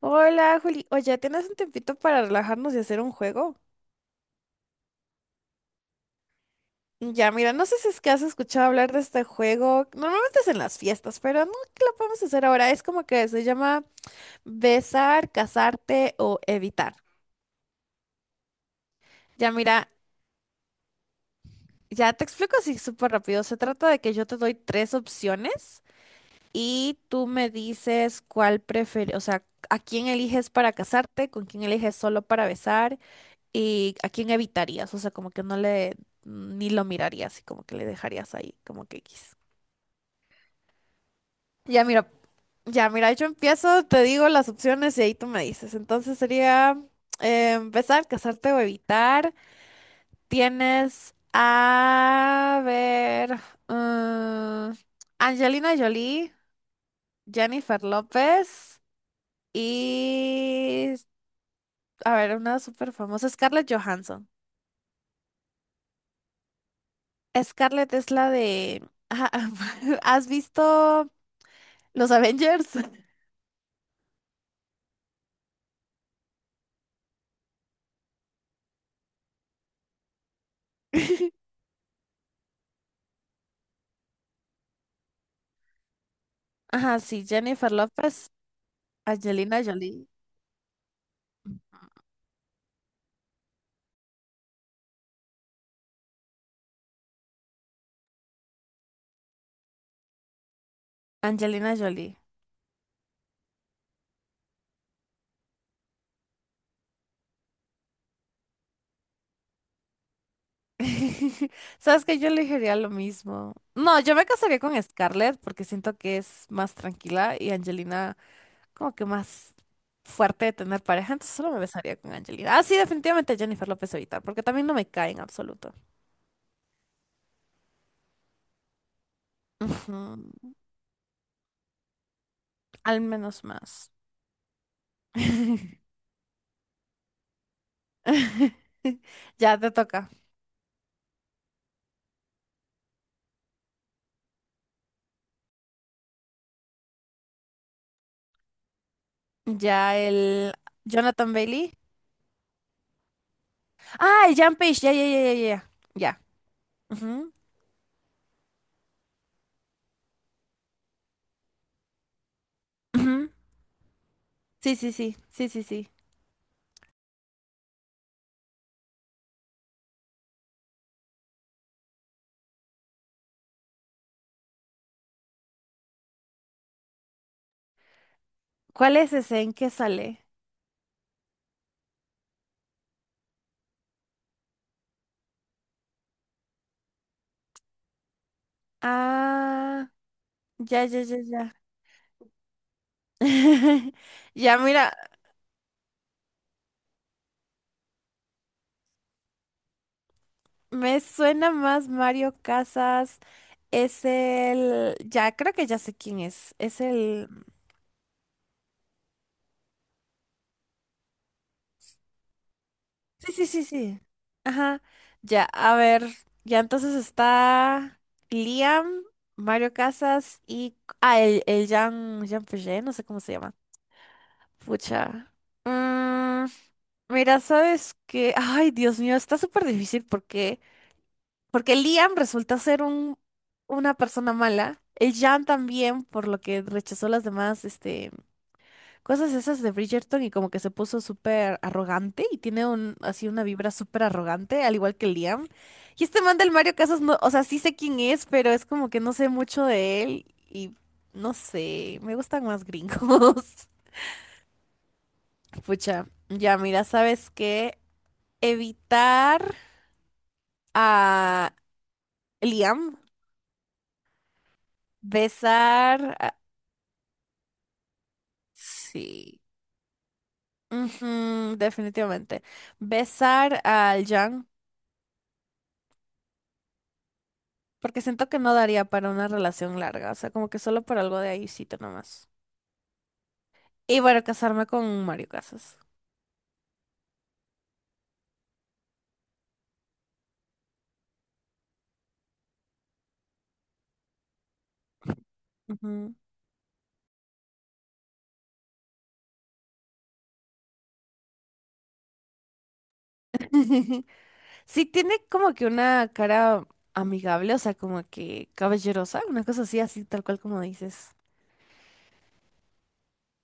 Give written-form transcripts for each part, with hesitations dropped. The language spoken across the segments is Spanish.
Hola, Juli. Oye, ¿tienes un tiempito para relajarnos y hacer un juego? Ya, mira, no sé si es que has escuchado hablar de este juego. Normalmente es en las fiestas, pero no que lo podemos hacer ahora. Es como que se llama besar, casarte o evitar. Ya, mira, ya te explico así súper rápido. Se trata de que yo te doy tres opciones y tú me dices cuál prefieres, o sea, a quién eliges para casarte, con quién eliges solo para besar. ¿Y a quién evitarías? O sea, como que no le, ni lo mirarías y como que le dejarías ahí, como que X. Ya, mira, ya, mira, yo empiezo, te digo las opciones y ahí tú me dices. Entonces sería empezar, casarte o evitar. Tienes a ver, mm, Angelina Jolie, Jennifer López y, a ver, una súper famosa, Scarlett Johansson. Scarlett es la de... Ajá, ¿has visto Los Avengers? Ajá, sí, Jennifer López, Angelina Jolie. Angelina Jolie. Sabes que yo elegiría lo mismo. No, yo me casaría con Scarlett porque siento que es más tranquila y Angelina como que más fuerte de tener pareja, entonces solo me besaría con Angelina. Ah, sí, definitivamente Jennifer López ahorita, porque también no me cae en absoluto. Ujú, al menos más. Ya te toca. Ya el Jonathan Bailey. Ah, el Jan Page. Ya, ya, ya, ya, ya. Ya. Ujú, ujú. Sí, sí, sí. Sí, sí, sí. ¿Cuál es ese? ¿En qué sale? Ah, ya, ya, ya, ya. Ya, mira, me suena más Mario Casas. Es el. Ya, creo que ya sé quién es. Es el. Sí, sí, sí, sí. Ajá. Ya, a ver. Ya entonces está Liam, Mario Casas y... Ah, el Jean Piaget, no sé cómo se llama. Pucha. Mm, mira, ¿sabes qué? Ay, Dios mío, está súper difícil porque... Porque Liam resulta ser una persona mala. El Jean también, por lo que rechazó las demás, este cosas esas de Bridgerton y como que se puso súper arrogante y tiene un, así una vibra súper arrogante, al igual que Liam. Y este man del Mario Casas, no, o sea, sí sé quién es, pero es como que no sé mucho de él y no sé, me gustan más gringos. Pucha, ya mira, ¿sabes qué? Evitar a Liam, besar a... Sí. Ujú, definitivamente. Besar al Jan. Porque siento que no daría para una relación larga, o sea, como que solo por algo de ahícito nomás. Y bueno, casarme con Mario Casas. Ujú. Sí, tiene como que una cara amigable, o sea, como que caballerosa, una cosa así, así tal cual como dices.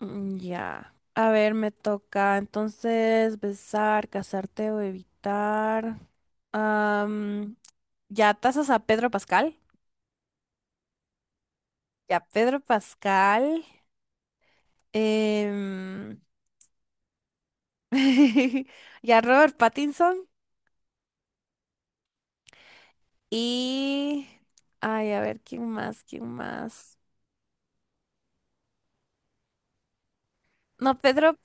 Ya. A ver, me toca entonces besar, casarte o evitar. Am, ya, tasas a Pedro Pascal. Ya, Pedro Pascal. em, Y a Robert Pattinson. Y. Ay, a ver, ¿quién más? ¿Quién más? No, Pedro.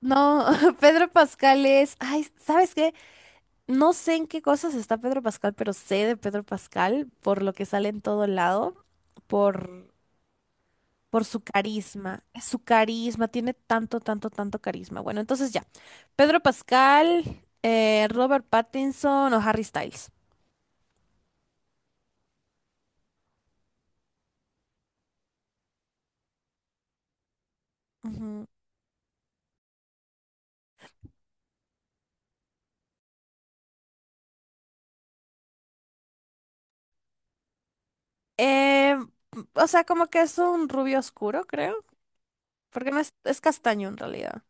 No, Pedro Pascal es. Ay, ¿sabes qué? No sé en qué cosas está Pedro Pascal, pero sé de Pedro Pascal por lo que sale en todo lado, por, por su carisma. Su carisma, tiene tanto, tanto, tanto carisma. Bueno, entonces ya. Pedro Pascal, Robert Pattinson o Harry Styles. Ujú. Eh, o sea, como que es un rubio oscuro, creo. Porque no es, es castaño en realidad.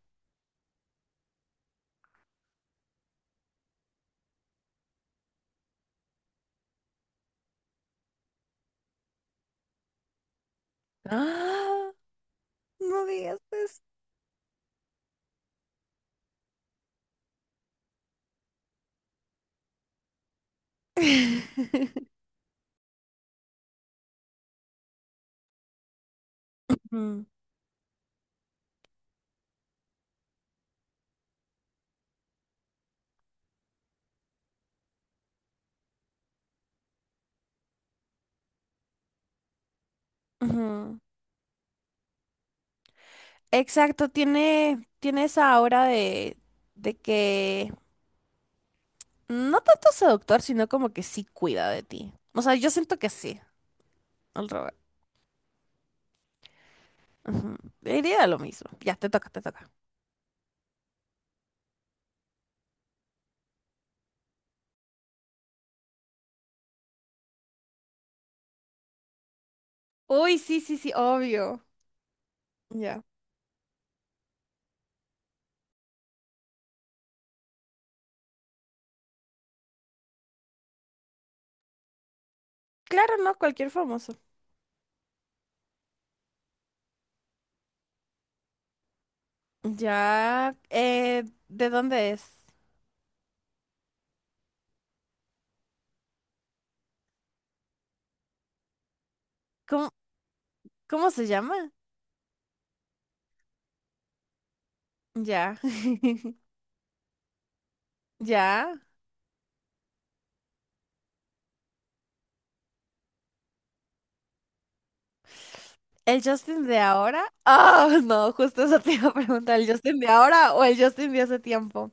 ¡Ah! No digas eso. Ujú, ujú. Exacto, tiene esa aura de que no tanto seductor, sino como que sí cuida de ti. O sea, yo siento que sí, el Robert. Ujú. Diría lo mismo. Ya, te toca, te toca. Uy, sí, sí, sí, obvio. Ya. Claro, no, cualquier famoso. Ya, ¿de dónde es? ¿Cómo, cómo se llama? Ya. Ya. ¿El Justin de ahora? Ah, no, justo eso te iba a preguntar. ¿El Justin de ahora o el Justin de hace tiempo?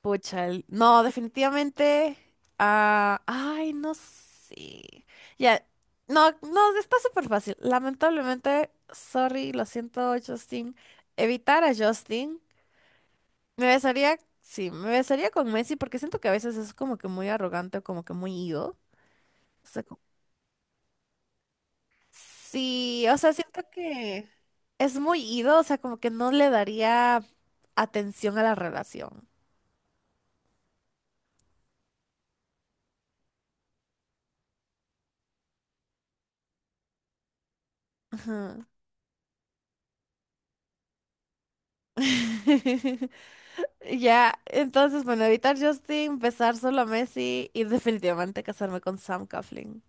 No, definitivamente. Ah, ay, no sé. Ya. No, no, está súper fácil. Lamentablemente, sorry, lo siento, Justin. Evitar a Justin. Me besaría, sí, me besaría con Messi porque siento que a veces es como que muy arrogante o como que muy ego. Sí, o sea, siento que es muy ido, o sea, como que no le daría atención a la relación. Ajá. Ya, entonces, bueno, evitar Justin, besar solo a Messi y definitivamente casarme con Sam Coughlin.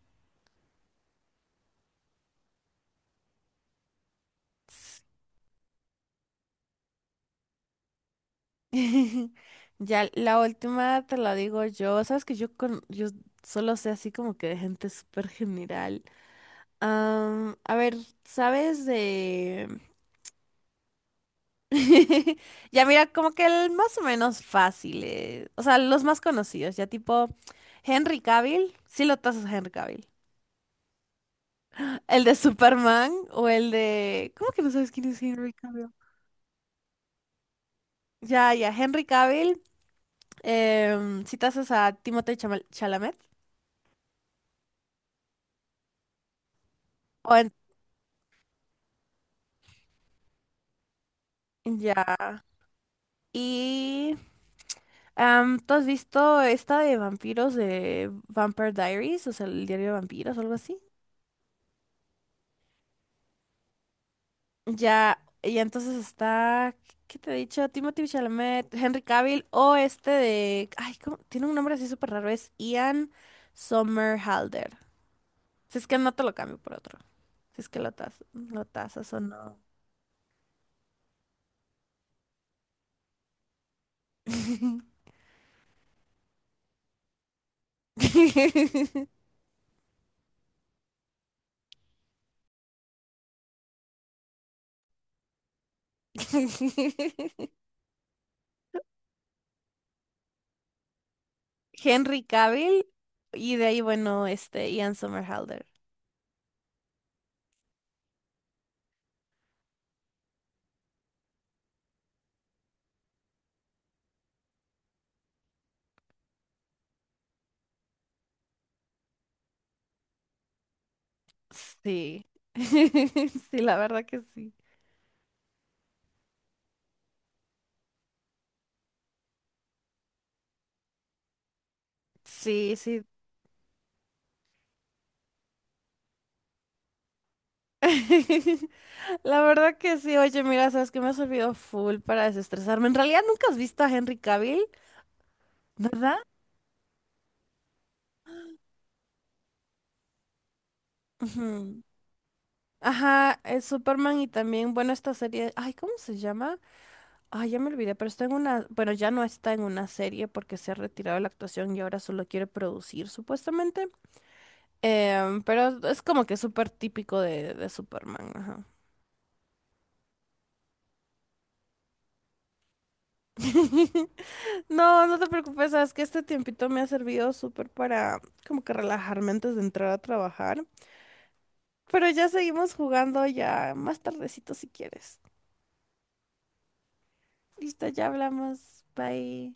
Sí. Ya, la última te la digo yo. Sabes que yo, con, yo solo sé así como que de gente súper general. A ver, ¿sabes de...? Ya mira, como que el más o menos fácil, o sea, los más conocidos, ya tipo Henry Cavill, sí lo tasas a Henry Cavill. El de Superman o el de... ¿Cómo que no sabes quién es Henry Cavill? Ya, ya, Henry Cavill, si tasas a Timothée Chalamet. O en- Ya. Y... ¿tú has visto esta de vampiros de Vampire Diaries? O sea, el diario de vampiros o algo así. Ya, y entonces está, ¿qué te he dicho? Timothy Chalamet, Henry Cavill o este de, ay, ¿cómo? Tiene un nombre así súper raro, es Ian Somerhalder. Si es que no te lo cambio por otro. Si es que lo tasas o no. Henry Cavill y de ahí, bueno, este Ian Somerhalder. Sí. Sí, la verdad que sí. Sí, sí. La verdad que sí, oye, mira, sabes que me ha servido full para desestresarme. En realidad nunca has visto a Henry Cavill, ¿verdad? Ujú. Ajá, es Superman y también, bueno, esta serie, ay, ¿cómo se llama? Ay, ya me olvidé, pero está en una, bueno, ya no está en una serie porque se ha retirado de la actuación y ahora solo quiere producir, supuestamente. Pero es como que súper típico de Superman, ajá. No, no te preocupes, sabes que este tiempito me ha servido súper para como que relajarme antes de entrar a trabajar. Pero ya seguimos jugando ya más tardecito si quieres. Listo, ya hablamos. Bye.